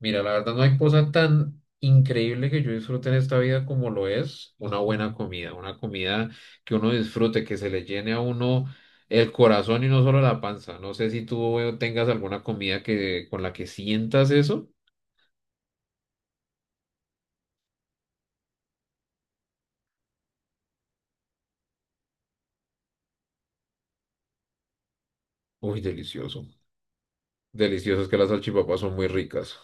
Mira, la verdad no hay cosa tan increíble que yo disfrute en esta vida como lo es una buena comida, una comida que uno disfrute, que se le llene a uno el corazón y no solo la panza. No sé si tú tengas alguna comida que con la que sientas eso. Uy, delicioso. Delicioso, es que las salchipapas son muy ricas.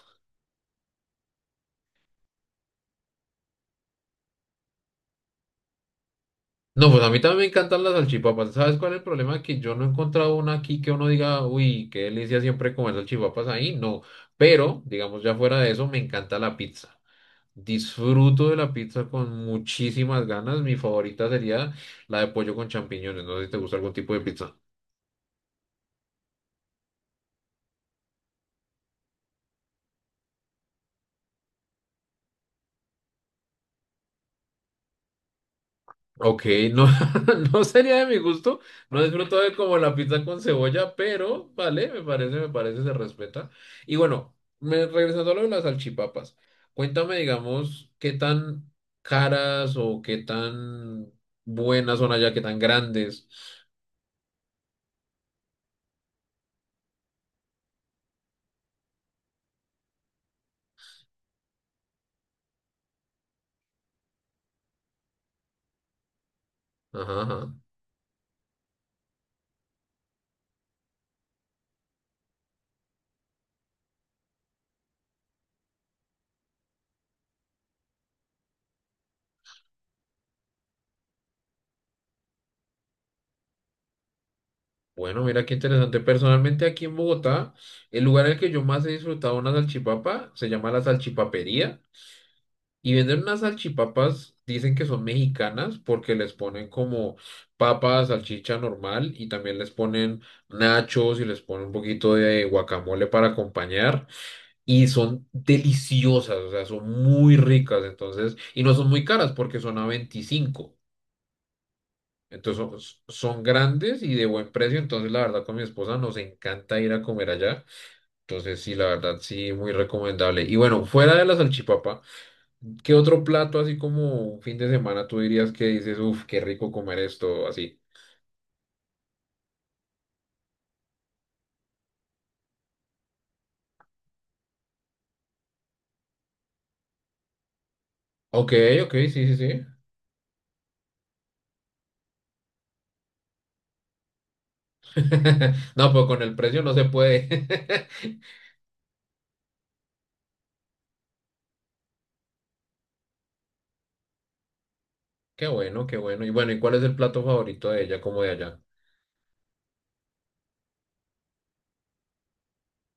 No, pues a mí también me encantan las salchipapas. ¿Sabes cuál es el problema? Que yo no he encontrado una aquí que uno diga, uy, qué delicia siempre comer salchipapas ahí. No, pero digamos ya fuera de eso, me encanta la pizza. Disfruto de la pizza con muchísimas ganas. Mi favorita sería la de pollo con champiñones. No sé si te gusta algún tipo de pizza. Ok, no, no sería de mi gusto. No disfruto de como la pizza con cebolla, pero vale, me parece, se respeta. Y bueno, regresando a lo de las salchipapas. Cuéntame, digamos, qué tan caras o qué tan buenas son allá, qué tan grandes. Ajá, ajá. Bueno, mira qué interesante. Personalmente aquí en Bogotá, el lugar en el que yo más he disfrutado una salchipapa se llama la salchipapería y venden unas salchipapas, dicen que son mexicanas porque les ponen como papa, salchicha normal y también les ponen nachos y les ponen un poquito de guacamole para acompañar y son deliciosas, o sea, son muy ricas entonces y no son muy caras porque son a 25, entonces son, son grandes y de buen precio. Entonces, la verdad, con mi esposa nos encanta ir a comer allá. Entonces, sí, la verdad, sí, muy recomendable. Y bueno, fuera de la salchipapa, ¿qué otro plato así como un fin de semana tú dirías que dices, uff, qué rico comer esto así? Ok, ok, sí, sí, sí. No, pero con el precio no se puede. Qué bueno, qué bueno. Y bueno, ¿y cuál es el plato favorito de ella como de allá?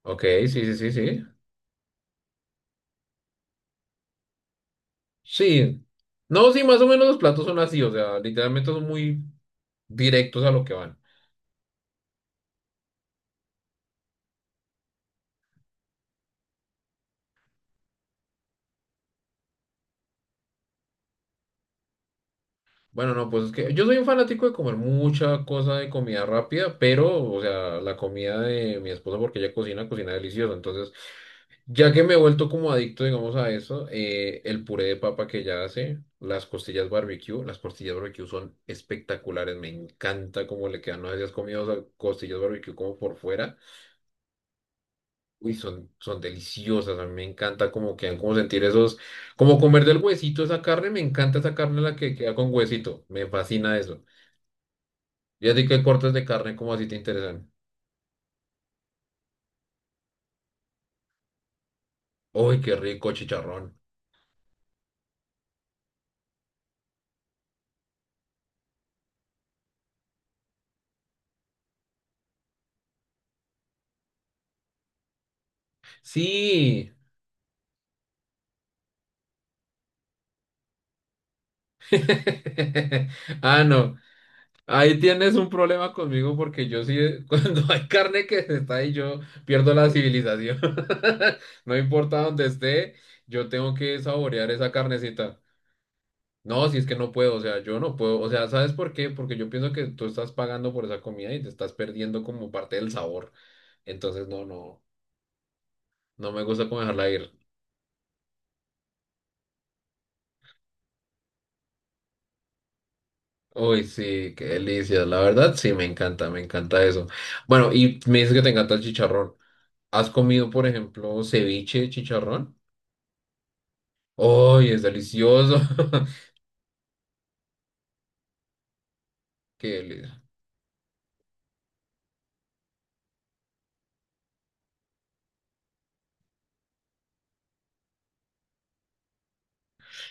Ok, sí, sí, sí, sí. Sí. No, sí, más o menos los platos son así, o sea, literalmente son muy directos a lo que van. Bueno, no, pues es que yo soy un fanático de comer mucha cosa de comida rápida, pero, o sea, la comida de mi esposa, porque ella cocina, cocina deliciosa. Entonces, ya que me he vuelto como adicto, digamos, a eso, el puré de papa que ella hace, las costillas barbecue son espectaculares, me encanta cómo le quedan. No sé si has comido o sea, costillas barbecue como por fuera. Uy, son, son deliciosas, a mí me encanta como quedan, como sentir esos, como comer del huesito esa carne, me encanta esa carne la que queda con huesito, me fascina eso. Y así que cortes de carne como así te interesan. Uy, qué rico chicharrón. Sí. Ah, no. Ahí tienes un problema conmigo porque yo sí, cuando hay carne que se está ahí, yo pierdo la civilización. No importa dónde esté, yo tengo que saborear esa carnecita. No, si es que no puedo, o sea, yo no puedo, o sea, ¿sabes por qué? Porque yo pienso que tú estás pagando por esa comida y te estás perdiendo como parte del sabor. Entonces, no, no, no me gusta como dejarla ir. Uy, sí, qué delicia, la verdad, sí, me encanta eso. Bueno, y me dices que te encanta el chicharrón. ¿Has comido, por ejemplo, ceviche de chicharrón? Uy, es delicioso. Qué delicia.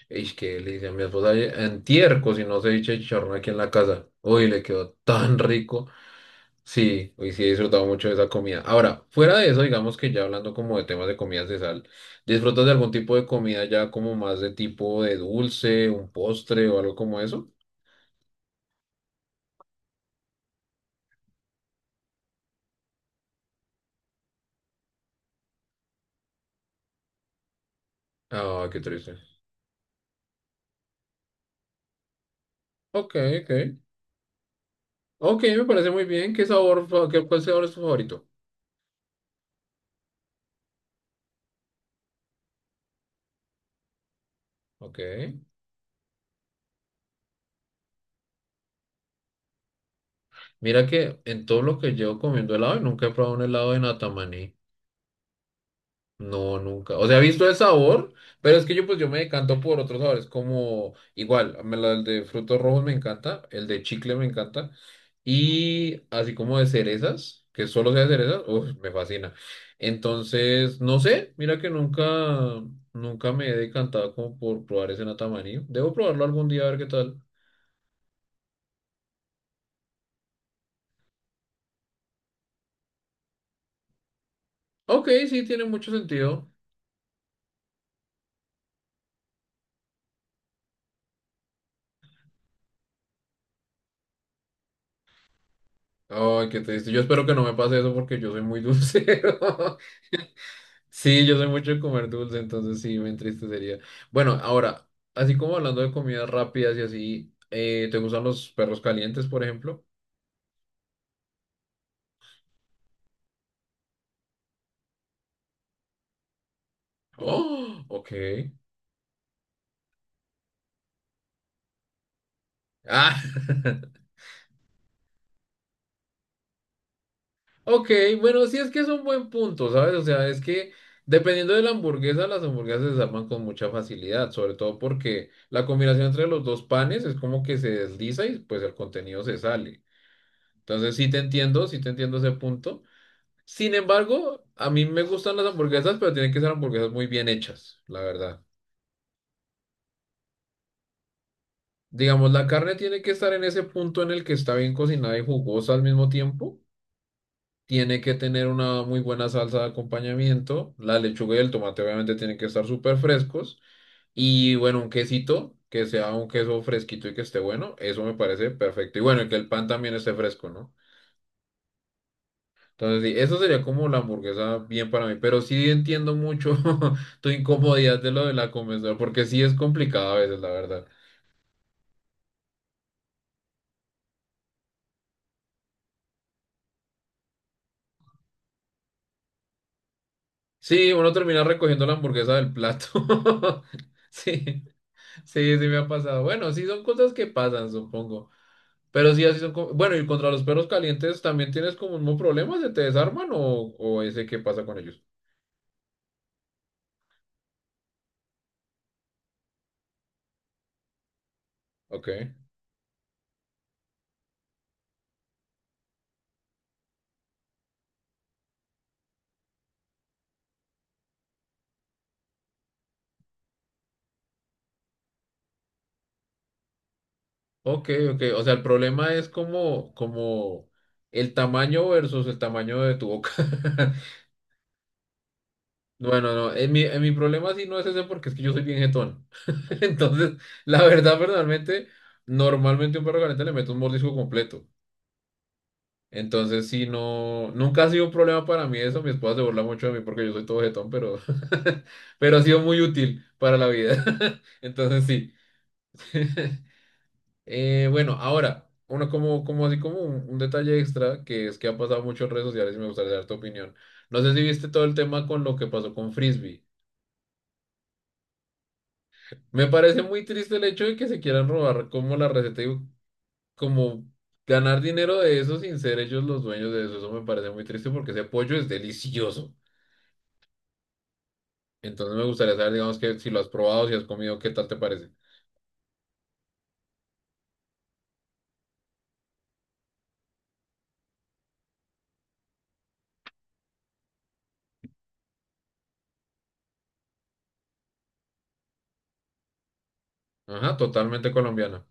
Ish, qué delicia. Mi esposa ayer- antier cocinó ceviche de chicharrón aquí en la casa. Uy, le quedó tan rico. Sí, hoy sí he disfrutado mucho de esa comida. Ahora, fuera de eso, digamos que ya hablando como de temas de comidas de sal, ¿disfrutas de algún tipo de comida ya como más de tipo de dulce, un postre o algo como eso? Ah, qué triste. Ok, ok. Ok, me parece muy bien. ¿Qué sabor, fa- qué, cuál sabor es tu favorito? Ok. Mira que en todo lo que llevo comiendo helado, nunca he probado un helado de natamaní. No, nunca. O sea, he visto el sabor, pero es que yo me decanto por otros sabores, como igual, me la- el de frutos rojos me encanta, el de chicle me encanta, y así como de cerezas, que solo sea de cerezas, uf, me fascina. Entonces, no sé, mira que nunca, nunca me he decantado como por probar ese natamarí. Debo probarlo algún día a ver qué tal. Ok, sí, tiene mucho sentido. Ay, qué triste. Yo espero que no me pase eso porque yo soy muy dulcero. Sí, yo soy mucho de comer dulce, entonces sí, me entristecería. Bueno, ahora, así como hablando de comidas rápidas y así, ¿te gustan los perros calientes, por ejemplo? Oh, ok. Ah, ok, bueno, sí es que es un buen punto, ¿sabes? O sea, es que dependiendo de la hamburguesa, las hamburguesas se desarman con mucha facilidad, sobre todo porque la combinación entre los dos panes es como que se desliza y pues el contenido se sale. Entonces sí te entiendo ese punto. Sin embargo, a mí me gustan las hamburguesas, pero tienen que ser hamburguesas muy bien hechas, la verdad. Digamos, la carne tiene que estar en ese punto en el que está bien cocinada y jugosa al mismo tiempo. Tiene que tener una muy buena salsa de acompañamiento. La lechuga y el tomate obviamente tienen que estar súper frescos. Y bueno, un quesito, que sea un queso fresquito y que esté bueno. Eso me parece perfecto. Y bueno, y que el pan también esté fresco, ¿no? Entonces, sí, eso sería como la hamburguesa bien para mí, pero sí entiendo mucho tu incomodidad de lo de la comensal, porque sí es complicado a veces, la verdad. Sí, uno termina recogiendo la hamburguesa del plato. Sí, sí, sí me ha pasado. Bueno, sí son cosas que pasan, supongo. Pero sí, así son. Co- Bueno, y contra los perros calientes, ¿también tienes como un problema? ¿Se te desarman o ese qué pasa con ellos? Ok, ok, ok. O sea, el problema es como, como el tamaño versus el tamaño de tu boca. Bueno, no, en mi problema sí no es ese porque es que yo soy bien jetón. Entonces, la verdad, personalmente, normalmente a un perro caliente le meto un mordisco completo. Entonces, sí, no, nunca ha sido un problema para mí eso. Mi esposa se burla mucho de mí porque yo soy todo jetón, pero, pero ha sido muy útil para la vida. Entonces, sí. Bueno, ahora, uno como, como así como un detalle extra que es que ha pasado mucho en redes sociales y me gustaría dar tu opinión. No sé si viste todo el tema con lo que pasó con Frisbee. Me parece muy triste el hecho de que se quieran robar como la receta y como ganar dinero de eso sin ser ellos los dueños de eso. Eso me parece muy triste porque ese pollo es delicioso. Entonces me gustaría saber, digamos, que si lo has probado, si has comido, ¿qué tal te parece? Ajá, totalmente colombiana.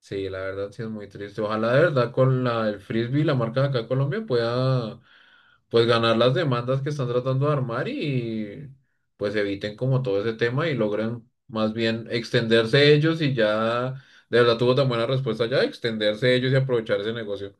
Sí, la verdad sí es muy triste. Ojalá de verdad con la, el frisbee, y la marca de acá en Colombia, pueda pues ganar las demandas que están tratando de armar y pues eviten como todo ese tema y logren más bien extenderse ellos y ya de verdad tuvo tan buena respuesta ya, extenderse ellos y aprovechar ese negocio.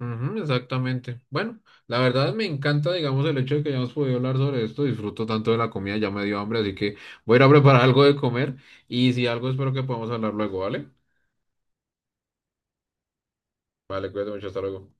Ujú, exactamente. Bueno, la verdad me encanta, digamos, el hecho de que hayamos podido hablar sobre esto. Disfruto tanto de la comida, ya me dio hambre, así que voy a ir a preparar algo de comer y si algo espero que podamos hablar luego, ¿vale? Vale, cuídate mucho, hasta luego.